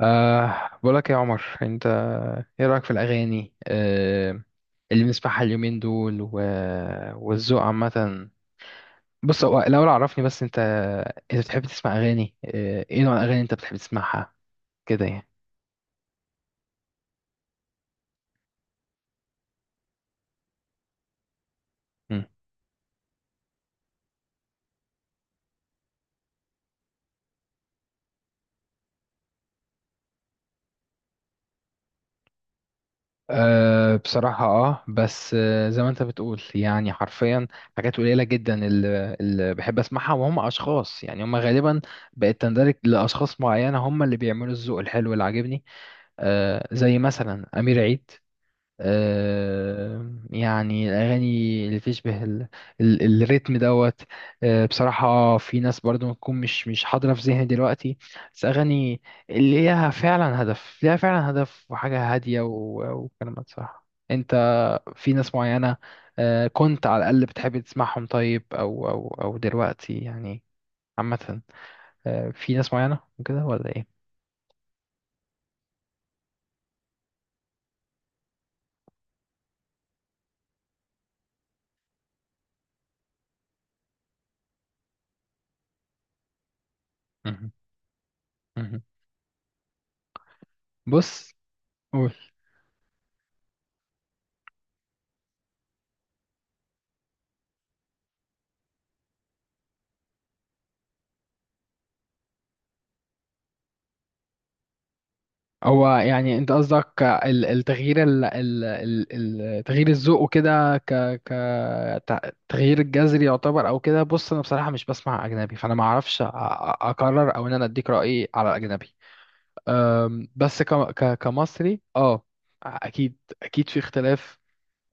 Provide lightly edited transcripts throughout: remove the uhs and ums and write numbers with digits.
بقولك يا عمر، انت ايه رأيك في الأغاني اللي بنسمعها اليومين دول والذوق عامة؟ بص، هو الأول عرفني، بس انت بتحب تسمع أغاني؟ ايه نوع الأغاني اللي انت بتحب تسمعها كده يعني؟ مم. بصراحة بس، زي ما انت بتقول يعني حرفيا، حاجات قليلة جدا اللي بحب اسمعها، وهم اشخاص يعني، هم غالبا بقت تندرج لأشخاص معينة، هم اللي بيعملوا الذوق الحلو اللي عاجبني. زي مثلا أمير عيد. يعني الأغاني اللي تشبه الريتم دوت. بصراحة في ناس برضو ممكن مش حاضرة في ذهني دلوقتي، بس أغاني اللي ليها فعلا هدف، ليها فعلا هدف، وحاجة هادية وكلمات صح، أنت. في ناس معينة. كنت على الأقل بتحب تسمعهم؟ طيب، أو دلوقتي يعني عامة، في ناس معينة وكده، ولا إيه؟ مهم. مهم. بص، قول. هو يعني انت قصدك ال- التغيير ال- ال- ال- ال- تغيير الذوق وكده، ك تغيير الجذري يعتبر او كده. بص انا بصراحه مش بسمع اجنبي، فانا ما اعرفش اقرر او ان انا اديك رايي على الاجنبي. بس ك ك كمصري، اكيد اكيد في اختلاف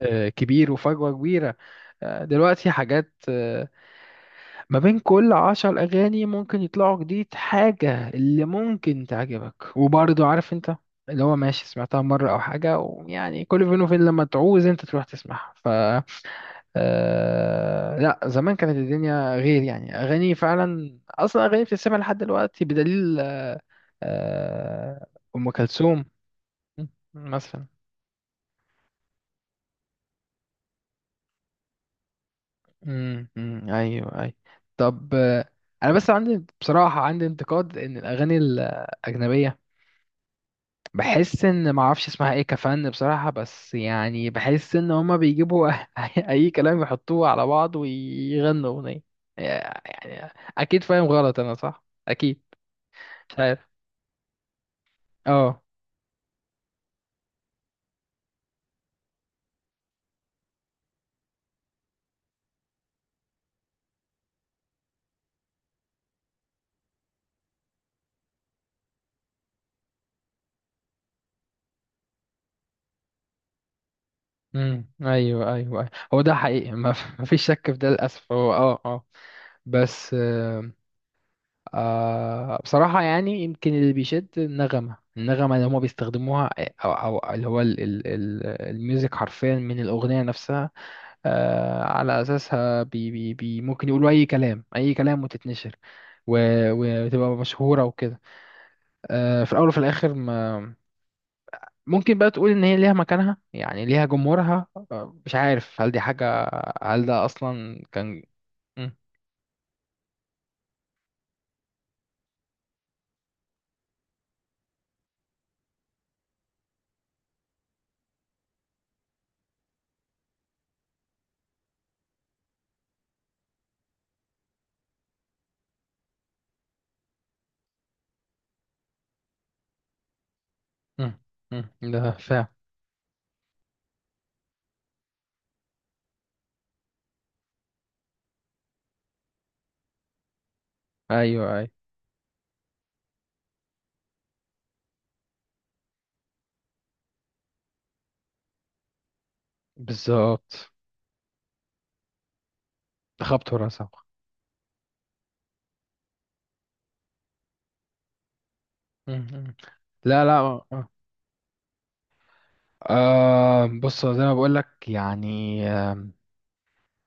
كبير، وفجوه كبيره. دلوقتي حاجات، ما بين كل 10 أغاني ممكن يطلعوا جديد حاجة اللي ممكن تعجبك. وبرضه عارف أنت، اللي هو ماشي سمعتها مرة أو حاجة، ويعني كل فين وفين لما تعوز أنت تروح تسمعها. لا، زمان كانت الدنيا غير يعني، أغاني فعلا، أصلا أغاني بتتسمع لحد دلوقتي، بدليل آه... أم كلثوم مثلا. أمم، ايوه ايوه. طب، انا بس عندي بصراحه، عندي انتقاد ان الاغاني الاجنبيه، بحس ان معرفش اسمها ايه، كفن بصراحة، بس يعني بحس ان هما بيجيبوا اي كلام يحطوه على بعض ويغنوا اغنية يعني. اكيد فاهم غلط انا، صح؟ اكيد. مش عارف. اه امم، ايوه ايوه. أيوة. هو ده حقيقي، ما ما فيش شك في ده للاسف. هو بس، بصراحه يعني، يمكن اللي بيشد النغمه، النغمه اللي هما بيستخدموها، او اللي هو الميوزك حرفيا من الاغنيه نفسها. على اساسها بي بي بي ممكن يقولوا اي كلام، اي كلام، وتتنشر، وتبقى مشهوره وكده. في الاول وفي الاخر، ما ممكن بقى تقول ان هي ليها مكانها، يعني ليها جمهورها. مش عارف هل دي حاجه، هل ده اصلا كان. م- م- ده فعلا. ايوه ايوه، بالظبط. تخبط ورا ساق. م- م. لا لا، بص، زي ما بقول لك يعني.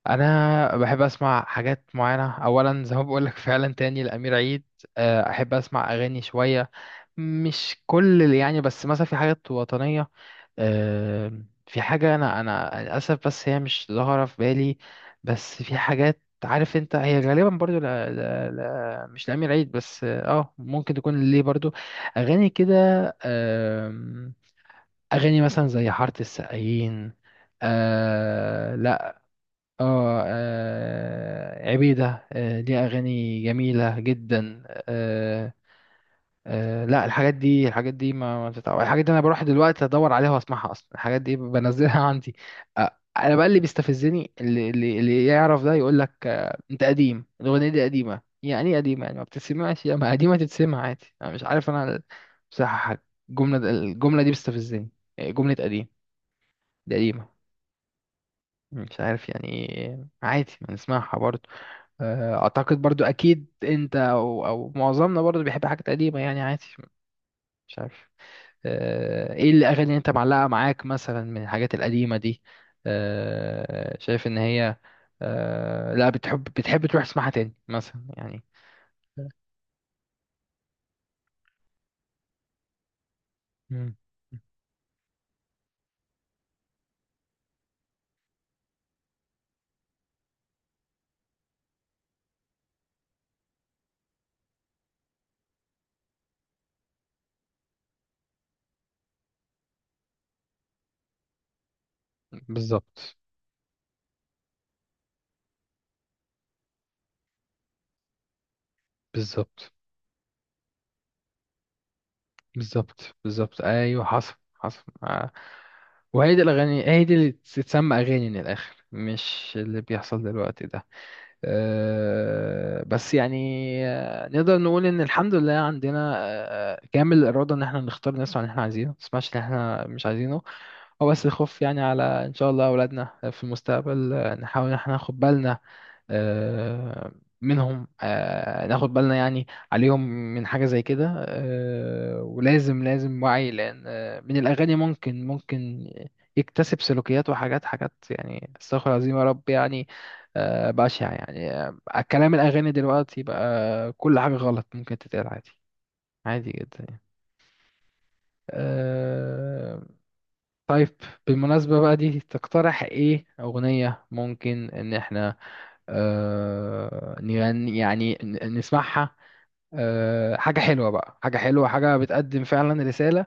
انا بحب اسمع حاجات معينه، اولا زي ما بقول لك فعلا، تاني الامير عيد. احب اسمع اغاني شويه، مش كل اللي يعني، بس مثلا في حاجات وطنيه. آه، في حاجه انا للاسف بس هي مش ظاهره في بالي. بس في حاجات، عارف انت، هي غالبا برضو، لا لا لا، مش الامير عيد بس، ممكن تكون ليه برضو اغاني كده. آم، اغاني مثلا زي حاره السقايين. لا. اه عبيدة، ليها أغاني جميلة جدا. آه، لا، الحاجات دي، الحاجات دي ما بتتعب. الحاجات دي أنا بروح دلوقتي أدور عليها وأسمعها. أصلا الحاجات دي بنزلها عندي. أنا بقى اللي بيستفزني، اللي يعرف ده يقول لك، أنت قديم، الأغنية دي قديمة. يعني إيه قديمة؟ يعني ما بتتسمعش؟ يا ما قديمة تتسمع عادي. أنا مش عارف أنا بصراحة حاجة. الجملة دي بتستفزني، جملة قديم، دي قديمة. مش عارف يعني إيه. عادي، ما نسمعها برضه. اعتقد برضو اكيد انت او معظمنا برضو بيحب حاجات قديمه، يعني عادي. مش عارف. ايه الاغاني اللي انت معلقه معاك مثلا من الحاجات القديمه دي؟ شايف ان هي، لا، بتحب تروح تسمعها تاني مثلا يعني؟ مم. بالظبط بالظبط بالظبط بالظبط، ايوه، حصل حصل، آه. وهي دي الاغاني، هي دي اللي تتسمى اغاني من الاخر، مش اللي بيحصل دلوقتي ده. بس يعني، نقدر نقول ان الحمد لله عندنا كامل الاراده ان احنا نختار الناس اللي احنا عايزينه، ما نسمعش اللي احنا مش عايزينه. هو بس الخوف يعني على ان شاء الله اولادنا في المستقبل، نحاول ان احنا ناخد بالنا آه، منهم، ناخد بالنا يعني عليهم من حاجة زي كده. ولازم لازم وعي، لأن من الأغاني ممكن، يكتسب سلوكيات وحاجات حاجات يعني، استغفر الله العظيم يا رب، يعني بشعة يعني. كلام الأغاني دلوقتي بقى كل حاجة غلط ممكن تتقال عادي، عادي جدا يعني. آه، طيب، بالمناسبة بقى، دي تقترح ايه أغنية ممكن إن احنا نغني يعني، نسمعها؟ حاجة حلوة بقى، حاجة حلوة، حاجة بتقدم فعلا رسالة،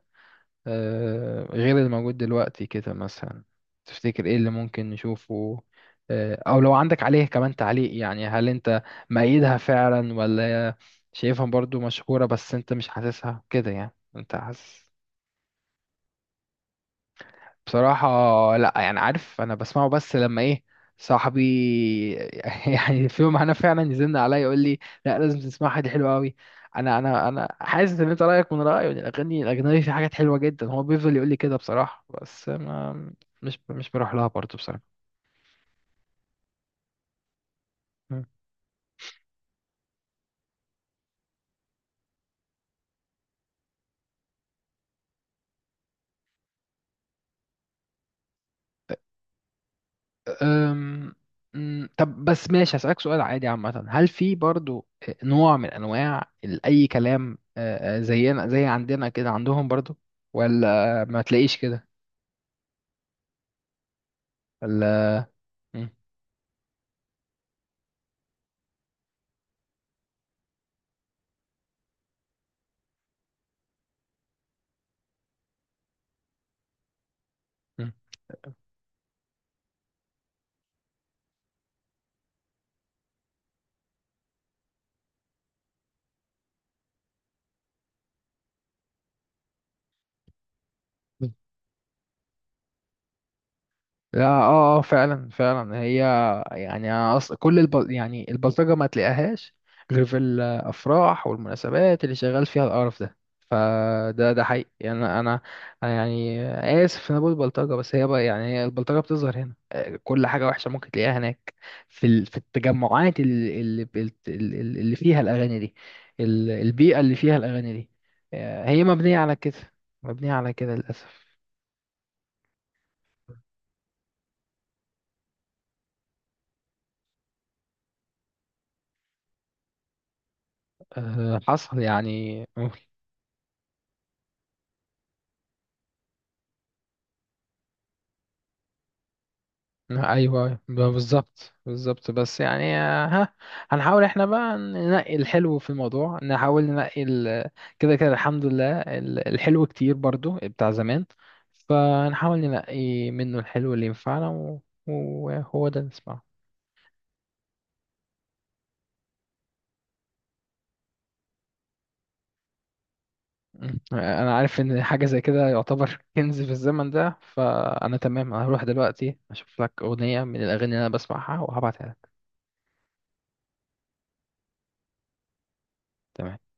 غير اللي موجود دلوقتي كده مثلا؟ تفتكر ايه اللي ممكن نشوفه؟ او لو عندك عليه كمان تعليق يعني، هل انت مأيدها فعلا، ولا شايفها برضو مشهورة بس انت مش حاسسها كده؟ يعني انت حاسس. بصراحة لا، يعني عارف انا بسمعه، بس لما ايه، صاحبي يعني، في يوم انا فعلا يزن عليا، يقول لي لا لازم تسمعها دي حلوة قوي. انا حاسس ان انت رايك من رايي، وإن الاغاني الاجنبي في حاجات حلوة جدا. هو بيفضل يقول لي كده بصراحة، بس ما مش بروح لها برضه بصراحة. مم. أم... طب، بس ماشي هسألك سؤال عادي عامة، هل في برضو نوع من أنواع أي كلام، زينا، زي عندنا كده عندهم برضو؟ ولا ما تلاقيش كده؟ مم. مم. لا، فعلا فعلا، هي يعني. أنا يعني البلطجة ما تلاقيهاش غير في الأفراح والمناسبات اللي شغال فيها القرف ده. فده حقيقي يعني. أنا يعني، آسف إن أنا بقول بلطجة، بس هي بقى يعني، هي البلطجة بتظهر هنا، كل حاجة وحشة ممكن تلاقيها هناك في التجمعات اللي اللي بت- اللي اللي فيها الأغاني دي، البيئة اللي فيها الأغاني دي، هي مبنية على كده، مبنية على كده للأسف. حصل يعني. ايوه، بالظبط بالظبط، بس يعني آه، ها هنحاول احنا بقى ننقي الحلو في الموضوع، نحاول ننقي كده كده الحمد لله الحلو كتير برضو بتاع زمان. فنحاول ننقي منه الحلو اللي ينفعنا وهو ده نسمعه. مم. انا عارف ان حاجة زي كده يعتبر كنز في الزمن ده، فانا تمام، أنا هروح دلوقتي اشوف لك اغنية من الاغاني اللي انا بسمعها وهبعتها لك. تمام.